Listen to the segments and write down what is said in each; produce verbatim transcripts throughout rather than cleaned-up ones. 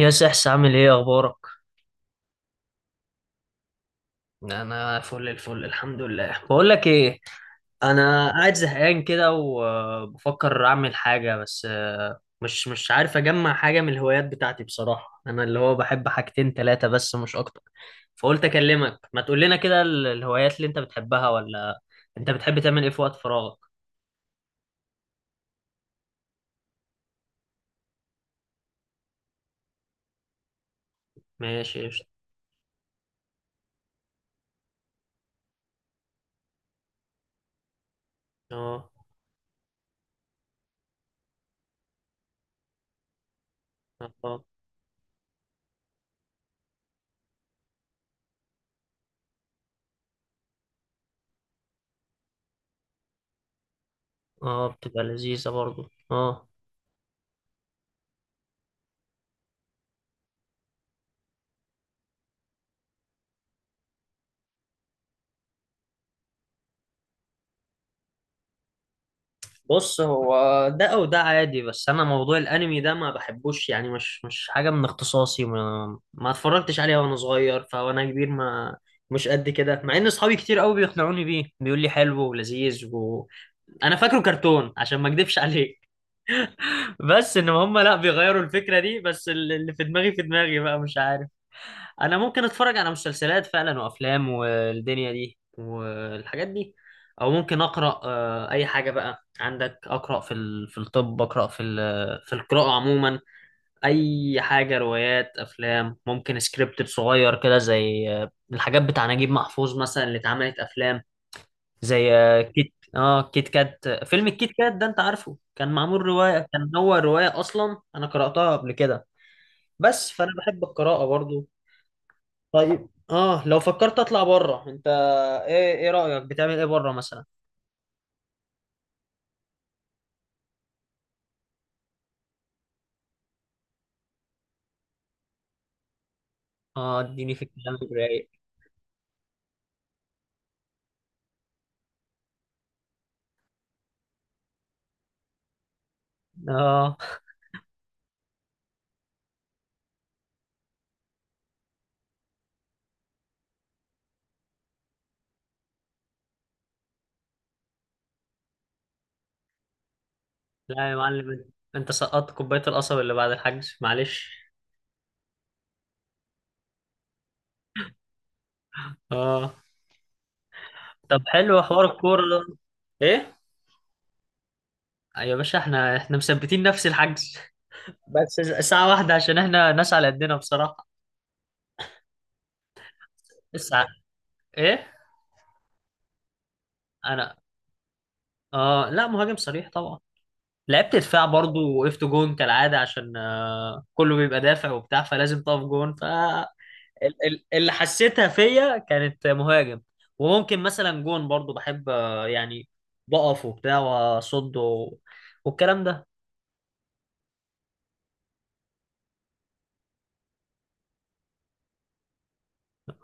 يا سحس، عامل ايه؟ اخبارك؟ انا فل الفل، الحمد لله. بقول لك ايه، انا قاعد زهقان كده وبفكر اعمل حاجه، بس آه، مش مش عارف اجمع حاجه من الهوايات بتاعتي. بصراحه انا اللي هو بحب حاجتين ثلاثه بس، مش اكتر. فقلت اكلمك ما تقول لنا كده ال- الهوايات اللي انت بتحبها ولا. انت بتحب تعمل ايه في وقت فراغك؟ ماشي، قشطة. اه، اه، اه، بتبقى لذيذه برضو، اه. بص، هو ده او ده عادي، بس انا موضوع الانمي ده ما بحبوش، يعني مش مش حاجه من اختصاصي، ما, ما اتفرجتش عليها وانا صغير، فوانا كبير ما مش قد كده، مع ان اصحابي كتير قوي بيقنعوني بيه، بيقول لي حلو ولذيذ و... انا فاكره كرتون عشان ما اكدبش عليك. بس ان هم لا بيغيروا الفكره دي، بس اللي في دماغي في دماغي بقى مش عارف. انا ممكن اتفرج على مسلسلات فعلا وافلام والدنيا دي والحاجات دي، او ممكن اقرا، آه، اي حاجه بقى عندك، اقرا في ال- في الطب، اقرا في ال- في القراءه عموما، اي حاجه، روايات، افلام، ممكن سكريبت صغير كده زي آه، الحاجات بتاع نجيب محفوظ مثلا، اللي اتعملت افلام، زي آه، كيت اه كيت كات، آه، فيلم الكيت كات ده، انت عارفه كان معمول روايه، كان هو روايه اصلا، انا قراتها قبل كده. بس فانا بحب القراءه برضو. طيب، اه لو فكرت اطلع بره انت، ايه ايه رايك؟ بتعمل ايه بره مثلا؟ اه، اديني في الكلام الرايق. اه، لا يا معلم، انت أنت سقطت كوبايه القصب اللي بعد الحجز، معلش. اه، طب حلو حوار الكوره ده. ايه؟ يا باشا، احنا احنا مثبتين نفس الحجز. بس ساعه واحده، عشان احنا ناس على قدنا بصراحه. الساعه؟ ايه؟ انا، اه لا، مهاجم صريح طبعا. لعبت دفاع برضو، وقفت جون كالعاده عشان آه، كله بيبقى دافع وبتاع، فلازم تقف جون. ال- ال- اللي حسيتها فيا كانت مهاجم. وممكن مثلا جون برضو، بحب آه، يعني بقف وبتاع، واصد و- والكلام ده.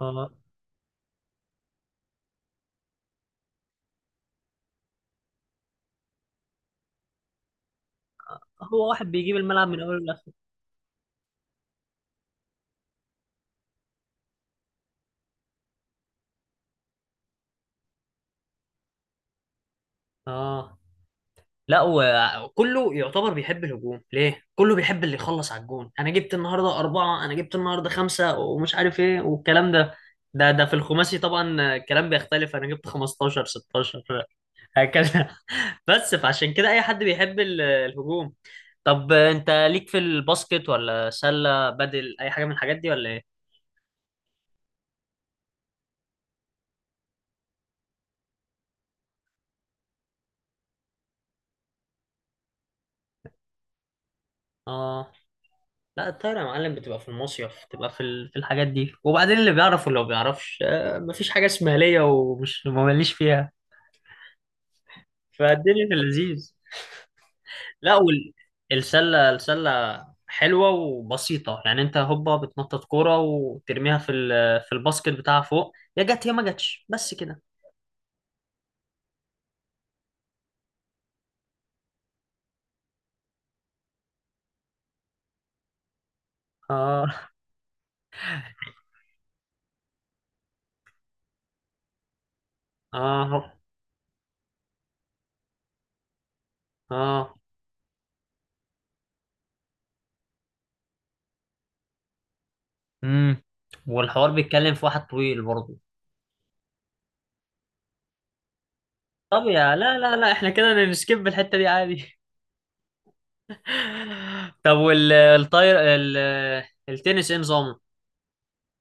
آه، هو واحد بيجيب الملعب من اوله لاخره. اه، لا، وكله يعتبر بيحب الهجوم، ليه كله بيحب اللي يخلص على الجون. انا جبت النهارده أربعة، انا جبت النهارده خمسة، ومش عارف ايه والكلام ده. ده ده في الخماسي، طبعا الكلام بيختلف، انا جبت خمستاشر ستة عشر هكذا. بس فعشان كده اي حد بيحب ال- الهجوم. طب انت ليك في الباسكت، ولا سلة، بدل اي حاجة من الحاجات دي، ولا ايه؟ اه، لا، الطايرة يا معلم بتبقى في المصيف، بتبقى في ال... في الحاجات دي. وبعدين اللي بيعرف واللي ما بيعرفش، آه مفيش حاجة اسمها ليا ومش ماليش فيها، فالدنيا في اللذيذ. لا، وال... السلة، السلة حلوة وبسيطة، يعني انت هوبا بتنطط كورة وترميها في ال... في الباسكت بتاعها فوق، يا جت يا ما جتش، بس كده. اه، اه، اه، امم والحوار بيتكلم في واحد طويل برضه. طب، يا لا لا لا، احنا كده نسكيب الحتة دي عادي. طب والطاير، التنس، ايه نظامه؟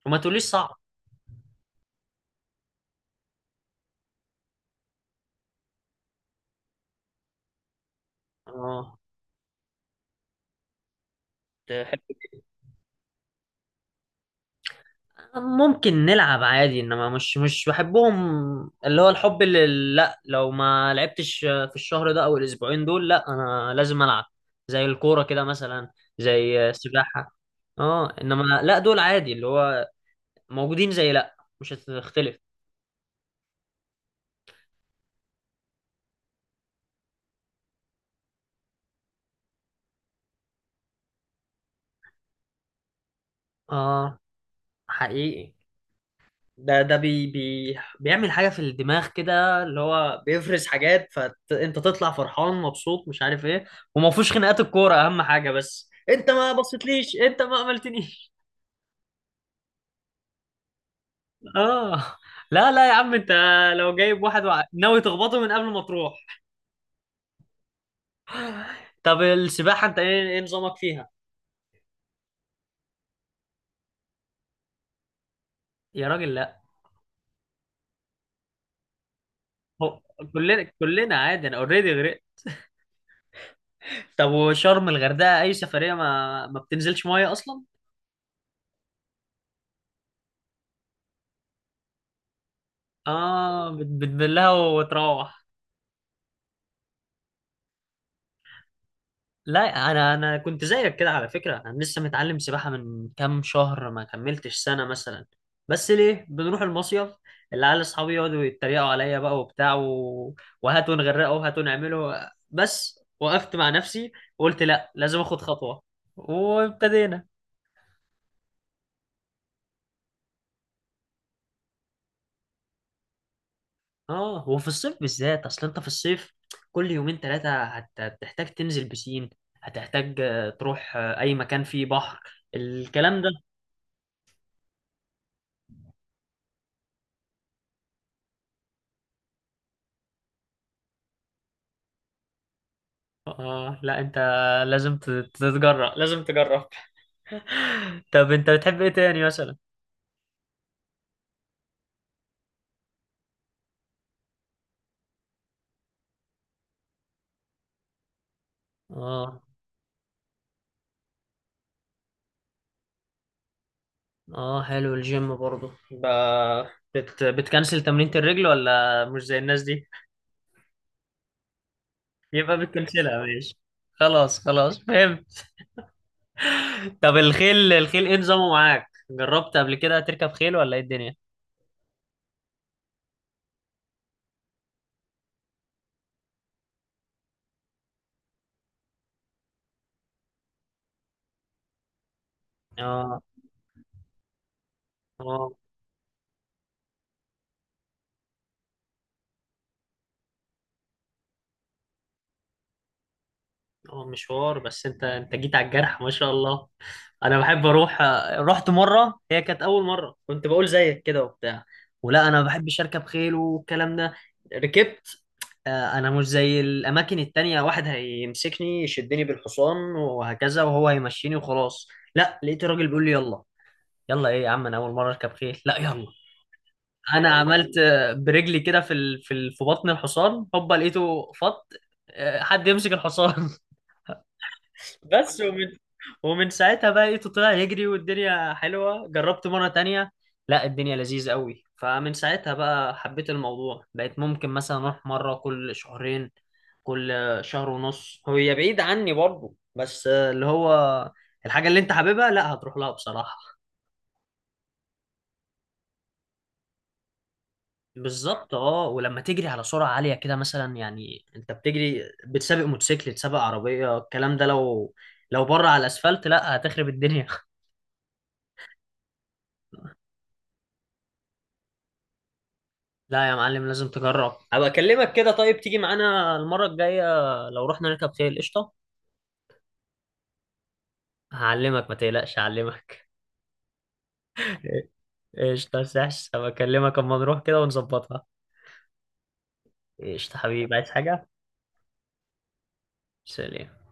وما تقوليش صعب. اه. تحب ممكن نلعب عادي، انما مش مش بحبهم. اللي هو الحب اللي، لا، لو ما لعبتش في الشهر ده او الاسبوعين دول، لا انا لازم العب، زي الكورة كده مثلا، زي السباحة. اه، انما لا، دول عادي، اللي هو موجودين زي، لا مش هتختلف. اه، حقيقي. ده ده بي بي بيعمل حاجة في الدماغ كده، اللي هو بيفرز حاجات، فانت تطلع فرحان مبسوط مش عارف ايه، وما فيهوش خناقات الكورة، اهم حاجة. بس انت ما بصيتليش، انت ما عملتنيش. اه، لا لا يا عم، انت لو جايب واحد وع- ناوي تخبطه من قبل ما تروح. طب السباحة، انت ايه ايه نظامك فيها؟ يا راجل، لا. هو كلنا، كلنا عادي، انا اوريدي غرقت. طب وشرم الغردقة اي سفرية، ما ما بتنزلش مية اصلا. اه، بت- بتبلها وتروح. لا، انا انا كنت زيك كده على فكره، انا لسه متعلم سباحه من كام شهر، ما كملتش سنه مثلا. بس ليه بنروح المصيف، العيال اصحابي يقعدوا يتريقوا عليا بقى وبتاع و... وهاتوا نغرقه وهاتوا نعمله، بس وقفت مع نفسي وقلت لا، لازم اخد خطوه، وابتدينا. اه، وفي الصيف بالذات، اصل انت في الصيف كل يومين ثلاثه هت- هتحتاج تنزل بسين، هتحتاج آه، تروح آه، اي مكان فيه بحر، الكلام ده. اه، لا انت، لازم ت- تتجرأ، لازم تجرب. طب انت بتحب ايه تاني مثلا؟ اه، اه، حلو الجيم برضه، ب... بت... بتكنسل تمرينة الرجل، ولا مش زي الناس دي؟ يبقى بتكنسلها، ماشي. خلاص خلاص، فهمت. طب الخيل، الخيل ايه نظامه معاك؟ جربت قبل كده تركب خيل، ولا ايه الدنيا؟ اه، اه، هو مشوار، بس انت انت جيت على الجرح ما شاء الله. انا بحب اروح، رحت مره، هي كانت اول مره كنت بقول زيك كده وبتاع، ولا انا ما بحبش اركب خيل والكلام ده. ركبت، آه، انا مش زي الاماكن التانية، واحد هيمسكني يشدني بالحصان وهكذا، وهو هيمشيني وخلاص، لا، لقيت الراجل بيقول لي يلا. يلا ايه يا عم؟ انا اول مره اركب خيل، لا يلا. انا عملت آه، برجلي كده في ال- في ال- في بطن الحصان، هوبا لقيته فط. آه، حد يمسك الحصان. بس، ومن ومن ساعتها بقى لقيته طلع يجري، والدنيا حلوة. جربت مرة تانية، لا، الدنيا لذيذة قوي. فمن ساعتها بقى حبيت الموضوع، بقيت ممكن مثلا أروح مرة كل شهرين، كل شهر ونص، هي بعيد عني برضه، بس اللي هو الحاجة اللي أنت حاببها لا هتروح لها بصراحة. بالظبط. اه، ولما تجري على سرعة عالية كده مثلا، يعني انت بتجري، بتسابق موتوسيكل، تسابق عربية، الكلام ده، لو لو بره على الاسفلت، لا هتخرب الدنيا. لا يا معلم، لازم تجرب، ابقى اكلمك كده. طيب تيجي معانا المرة الجاية، لو رحنا نركب خيل؟ قشطة. هعلمك، ما تقلقش، هعلمك. قشطة يا سحس، هبقى اكلمك اما نروح كده ونظبطها. قشطة حبيبي، عايز حاجة؟ سلام.